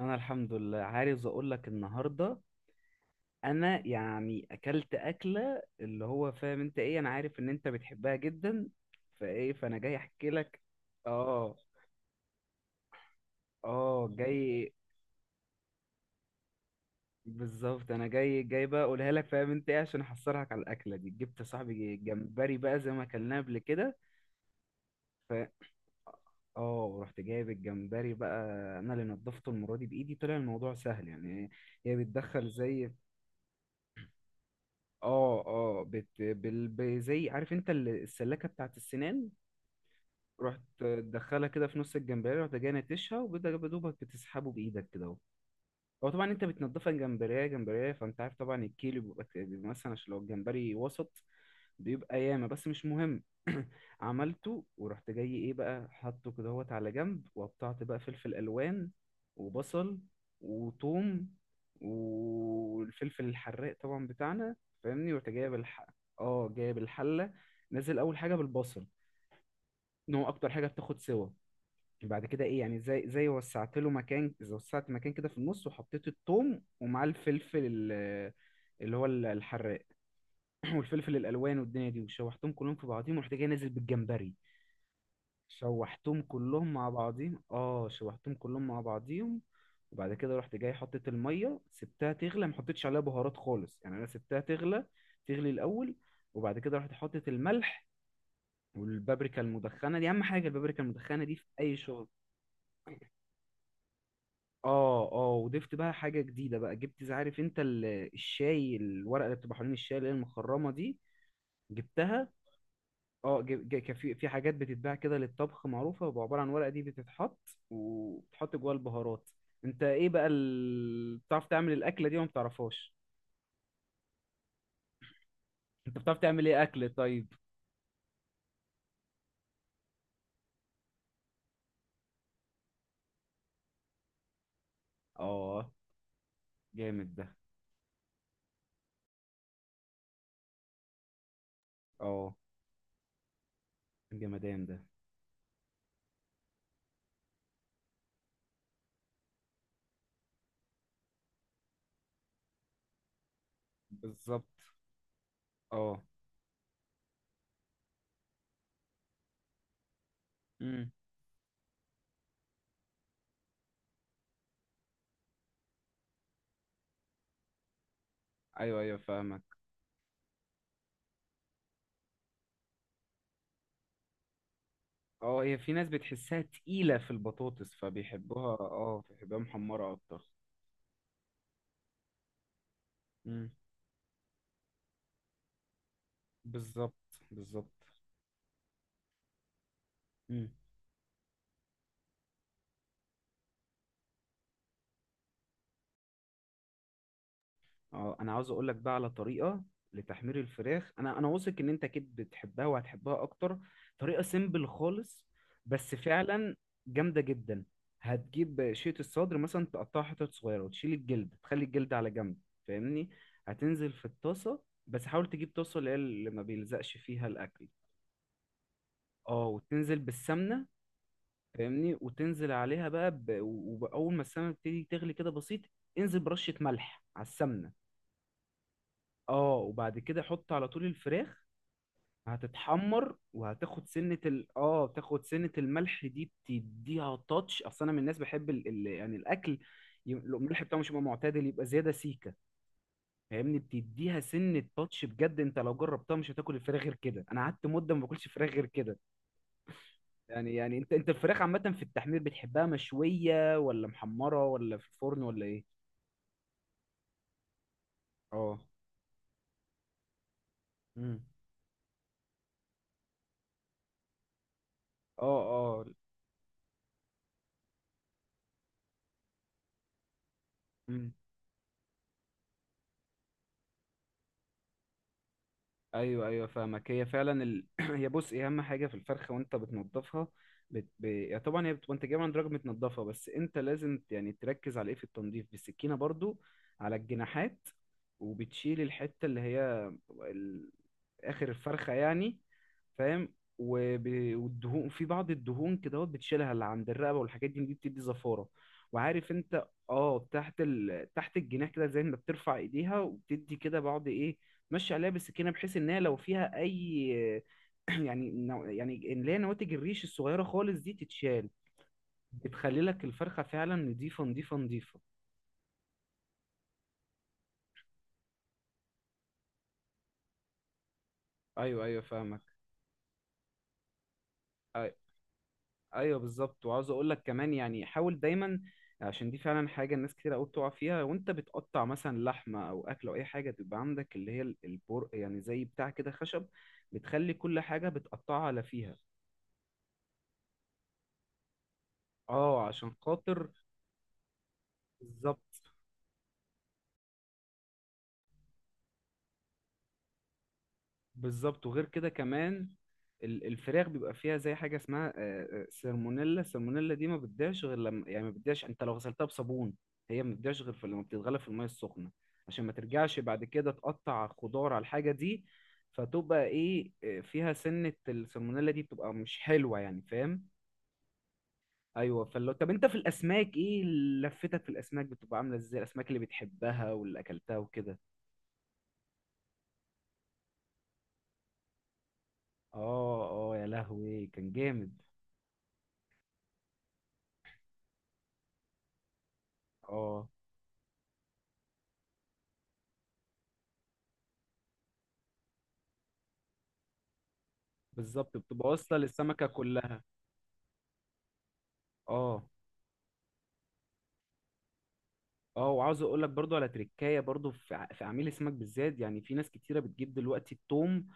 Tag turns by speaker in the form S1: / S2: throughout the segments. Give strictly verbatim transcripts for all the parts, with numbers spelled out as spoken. S1: انا الحمد لله، عايز اقول لك النهارده. انا يعني اكلت اكله اللي هو فاهم انت ايه، انا عارف ان انت بتحبها جدا. فايه فانا جاي احكي لك. اه، اه جاي. بالظبط، انا جاي جاي بقى اقولها لك. فاهم انت ايه؟ عشان احصرك على الاكله دي جبت صاحبي جمبري بقى زي ما اكلناه قبل كده. ف اه، رحت جايب الجمبري بقى. انا اللي نضفته المره دي بايدي، طلع الموضوع سهل يعني. هي بتدخل زي. اه، اه، بت... بال... ب- زي، عارف انت ال- السلاكه بتاعت السنان. رحت تدخلها كده في نص الجمبريه، رحت جاي نتشها، وبدأ دوبك بتسحبه بايدك كده اهو. هو طبعا انت بتنضفها جمبريه جمبريه، فانت عارف طبعا الكيلو بيبقى بيبقى مثلا، عشان لو الجمبري وسط بيبقى ياما، بس مش مهم. عملته، ورحت جاي ايه بقى، حاطه كده هوت على جنب، وقطعت بقى فلفل الوان وبصل وثوم، والفلفل الحراق طبعا بتاعنا، فاهمني. ورحت جايب الح... اه، جايب الحله. نزل اول حاجه بالبصل، ان هو اكتر حاجه بتاخد سوا. بعد كده ايه يعني، زي زي وسعت له مكان زي وسعت مكان كده في النص، وحطيت الثوم ومعاه الفلفل ال- اللي هو الحراق، والفلفل الالوان والدنيا دي، وشوحتهم كلهم في بعضهم، ورحت جاي نازل بالجمبري. شوحتهم كلهم مع بعضهم، اه شوحتهم كلهم مع بعضهم وبعد كده رحت جاي حطيت الميه، سبتها تغلى، ما حطيتش عليها بهارات خالص يعني، انا سبتها تغلى تغلي الاول. وبعد كده رحت حطيت الملح والبابريكا المدخنه دي، اهم حاجه البابريكا المدخنه دي في اي شغل. اه، اه، وضفت بقى حاجه جديده بقى، جبت زي- عارف انت ال- الشاي، الورقه اللي بتبقى حوالين الشاي اللي هي المخرمه دي، جبتها. اه، جي- جي- كان في في حاجات بتتباع كده للطبخ معروفة، بيبقى عبارة عن ورقة دي بتتحط وبتحط جواها البهارات. انت ايه بقى ال... بتعرف تعمل الأكلة دي وما بتعرفهاش؟ انت بتعرف تعمل ايه أكل طيب؟ اه جامد ده. اه جمدان ده. بالظبط. اه. امم. ايوه، ايوه، فاهمك. اه، هي في ناس بتحسها تقيلة في البطاطس فبيحبوها، اه بيحبوها محمرة اكتر. امم. بالظبط، بالظبط. مم. اه، انا عاوز اقول لك بقى على طريقه لتحمير الفراخ. انا انا واثق ان انت اكيد بتحبها وهتحبها اكتر. طريقه سيمبل خالص بس فعلا جامده جدا. هتجيب شيت الصدر مثلا، تقطعها حتت صغيره، وتشيل الجلد تخلي الجلد على جنب، فاهمني. هتنزل في الطاسه، بس حاول تجيب طاسه اللي هي اللي ما بيلزقش فيها الاكل. اه، وتنزل بالسمنه، فاهمني، وتنزل عليها بقى، ب... واول ما السمنه تبتدي تغلي كده بسيط، انزل برشه ملح على السمنه. اه، وبعد كده حط على طول الفراخ. هتتحمر، وهتاخد سنة ال اه تاخد سنة الملح دي تديها تاتش. اصل انا من الناس بحب ال... ال... يعني الاكل، ي- لو الملح بتاعه مش يبقى معتدل يبقى زيادة سيكة، فاهمني. بتديها سنة تاتش بجد، انت لو جربتها مش هتاكل الفراخ غير كده. انا قعدت مدة ما باكلش فراخ غير كده. يعني يعني انت انت الفراخ عامة في التحمير بتحبها مشوية ولا محمرة ولا في الفرن ولا ايه؟ اه. امم. اه. اه. ايوه، ايوه، فاهمك. هي فعلا ال... هي بص، إيه اهم حاجه في الفرخه وانت بتنضفها؟ بت... ب... يعني طبعا هي بتبقى انت جايبها عند راجل متنضفه، بس انت لازم ت- يعني تركز على ايه في التنظيف بالسكينه برضو. على الجناحات، وبتشيل الحته اللي هي اخر الفرخه يعني، فاهم. وب- والدهون، في بعض الدهون كده بتشيلها، اللي عند الرقبه والحاجات دي دي بتدي زفاره. وعارف انت، اه تحت ال... تحت الجناح كده، زي ما بترفع ايديها وبتدي كده بعض ايه. ماشي عليها بالسكينه، بحيث ان هي لو فيها اي، يعني نوع- يعني اللي هي نواتج الريش الصغيره خالص دي تتشال. بتخلي لك الفرخه فعلا نضيفه نضيفه نضيفه. ايوه، ايوه، فاهمك. ايوه بالظبط. وعاوز اقول لك كمان يعني، حاول دايما، عشان دي فعلا حاجه الناس كتير قوي بتقع فيها. وانت بتقطع مثلا لحمه او اكل او اي حاجه، تبقى عندك اللي هي ال- البر يعني، زي بتاع كده خشب، بتخلي كل حاجه بتقطعها على فيها. اه، عشان خاطر. بالظبط، بالظبط، وغير كده كمان، ال- الفراخ بيبقى فيها زي حاجه اسمها آه، آه، سالمونيلا. السالمونيلا دي ما بتضيعش غير لما، يعني ما بتضيعش انت لو غسلتها بصابون، هي ما بتضيعش غير في لما بتتغلى في الميه السخنه، عشان ما ترجعش بعد كده تقطع خضار على الحاجه دي. فتبقى ايه، آه، فيها سنه السالمونيلا دي بتبقى مش حلوه يعني، فاهم. ايوه. فلو، طب انت في الاسماك ايه؟ لفتك في الاسماك بتبقى عامله ازاي، الاسماك اللي بتحبها واللي اكلتها وكده؟ اه، اه، يا لهوي كان جامد. اه، بالظبط، بتبقى واصله للسمكه كلها. اه، اه، وعاوز اقول لك برضو على تريكايه برضو في ع- في عميل السمك بالذات. يعني في ناس كتيره بتجيب دلوقتي التوم.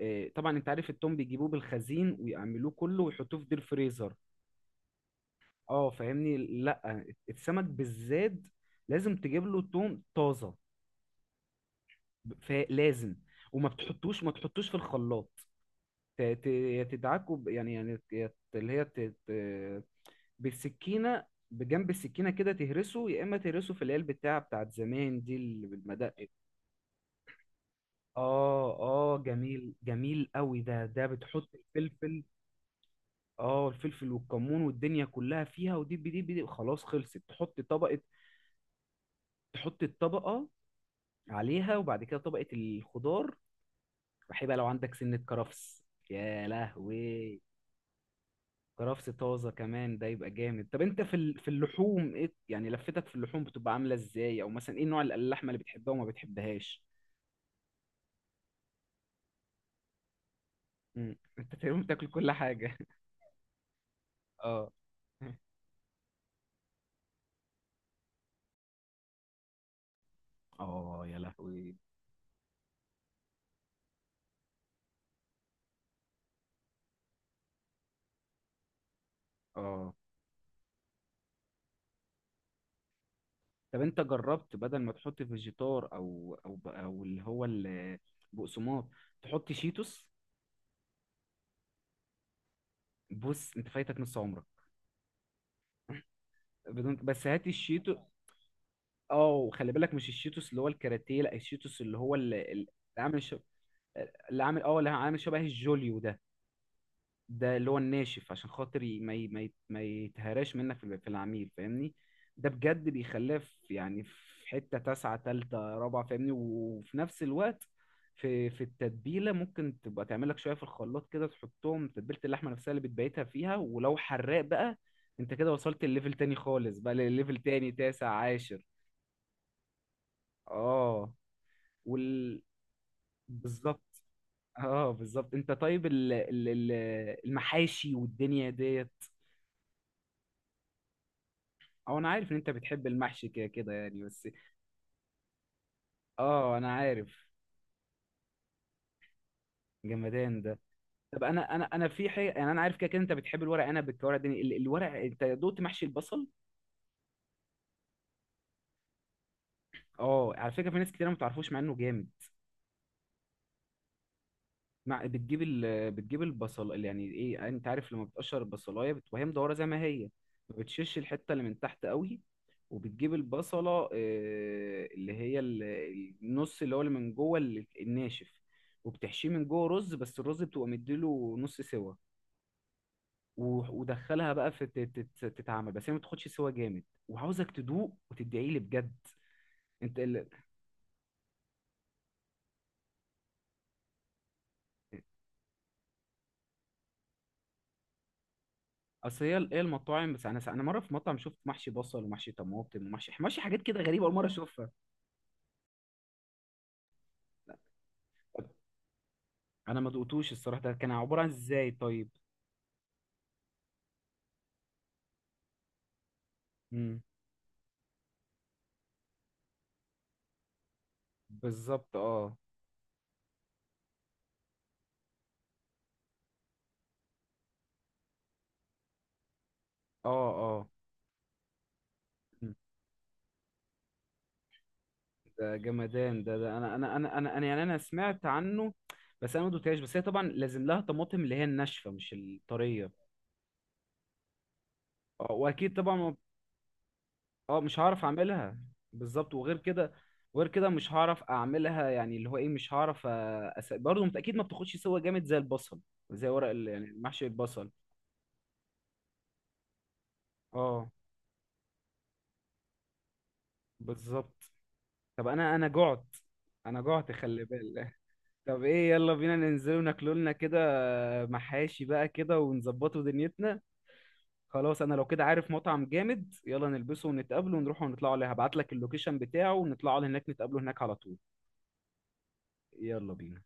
S1: آه، طبعا انت عارف التوم بيجيبوه بالخزين ويعملوه كله ويحطوه في دير فريزر. اه، فاهمني. لا، السمك بالذات لازم تجيب له توم طازه. ب- فا- لازم. وما بتحطوش ما تحطوش في الخلاط، ت- ت- يا تدعكه، ب- يعني يعني ت- يا ت- اللي هي بالسكينه، بجنب السكينه كده تهرسه، يا اما تهرسه في العلب بتاع بتاعت زمان دي اللي بالمدق. اه، اه، جميل، جميل قوي ده ده بتحط الفلفل، اه، الفلفل والكمون والدنيا كلها فيها. ودي بدي بدي، خلاص خلصت، تحط طبقة. تحط الطبقة عليها، وبعد كده طبقة الخضار. وحيبقى لو عندك سنة كرفس يا لهوي، كرفس طازة كمان، ده يبقى جامد. طب انت في ال- في اللحوم ايه يعني، لفتك في اللحوم بتبقى عاملة ازاي، او مثلا ايه نوع ال- اللحمة اللي بتحبها وما بتحبهاش؟ مم. انت تقريبا بتاكل كل حاجة؟ اه. اه، يا لهوي. اه، طب انت جربت بدل ما تحط فيجيتار او، او ب- او اللي هو ال- البقسماط، تحط شيتوس؟ بص انت فايتك نص عمرك. بدون، بس هات الشيتو. اه، وخلي بالك، مش الشيتوس اللي هو الكاراتيه، لا، الشيتوس اللي هو اللي عامل اللي عامل اه اللي عامل شبه الجوليو ده، ده اللي هو الناشف، عشان خاطر ي- ما ي- ما ي- ما يتهراش منك في ال- في العميل، فاهمني. ده بجد بيخليه في يعني في حتة تاسعة تالتة رابعة، فاهمني. وفي نفس الوقت، في في التتبيلة، ممكن تبقى تعمل لك شوية في الخلاط كده، تحطهم تتبيلة اللحمة نفسها اللي بتبيتها فيها. ولو حراق بقى، انت كده وصلت الليفل تاني خالص، بقى لليفل تاني تاسع عاشر. اه، وال بالظبط. اه، بالظبط. انت طيب ال- ال- ال- المحاشي والدنيا ديت؟ او انا عارف ان انت بتحب المحشي كده كده يعني، بس. اه، انا عارف. جمدان ده. طب انا انا انا في حاجه، يعني انا عارف كده كده انت بتحب الورق، انا بالكوارع الدنيا ال- الورق، انت دوقت محشي البصل؟ اه، على فكره في ناس كتير ما تعرفوش مع انه جامد. مع بتجيب ال... بتجيب البصل، يعني ايه، انت عارف لما بتقشر البصلايه بتبقى هي مدوره زي ما هي، ما بتشش الحته اللي من تحت قوي، وبتجيب البصله، آه، اللي هي ال- النص اللي هو اللي من جوه ال- الناشف، وبتحشيه من جوه رز، بس الرز بتبقى مديله نص سوا. و- ودخلها بقى في تت- تت- تتعمل، بس هي ما تاخدش سوا جامد، وعاوزك تدوق وتدعي لي بجد. انت ال... اصل هي، هي المطاعم، بس انا، انا مره في مطعم شفت محشي بصل ومحشي طماطم ومحشي، محشي حاجات كده غريبه اول مره اشوفها. انا ما دقتوش الصراحه، ده كان عباره عن ازاي طيب؟ امم. بالظبط. اه. اه. اه. مم. ده جمدان ده، ده انا انا انا انا أنا يعني انا سمعت عنه، بس انا ما دقتهاش. بس هي طبعا لازم لها طماطم اللي هي الناشفه مش الطريه. اه، واكيد طبعا ما اه، مش هعرف اعملها. بالظبط. وغير كده، وغير كده مش هعرف اعملها، يعني اللي هو ايه، مش هعرف آه، أس... برضه انت اكيد ما بتاخدش سوا جامد زي البصل، زي ورق ال... يعني محشي البصل. اه، بالظبط. طب انا انا جعت، انا جعت، خلي بالك. طب ايه، يلا بينا ننزل وناكلوا لنا كده محاشي بقى كده، ونظبطوا دنيتنا. خلاص، انا لو كده عارف مطعم جامد، يلا نلبسه ونتقابله ونروح ونطلعوا عليه، هبعت لك اللوكيشن بتاعه، ونطلعوا على هناك نتقابله هناك على طول. يلا بينا.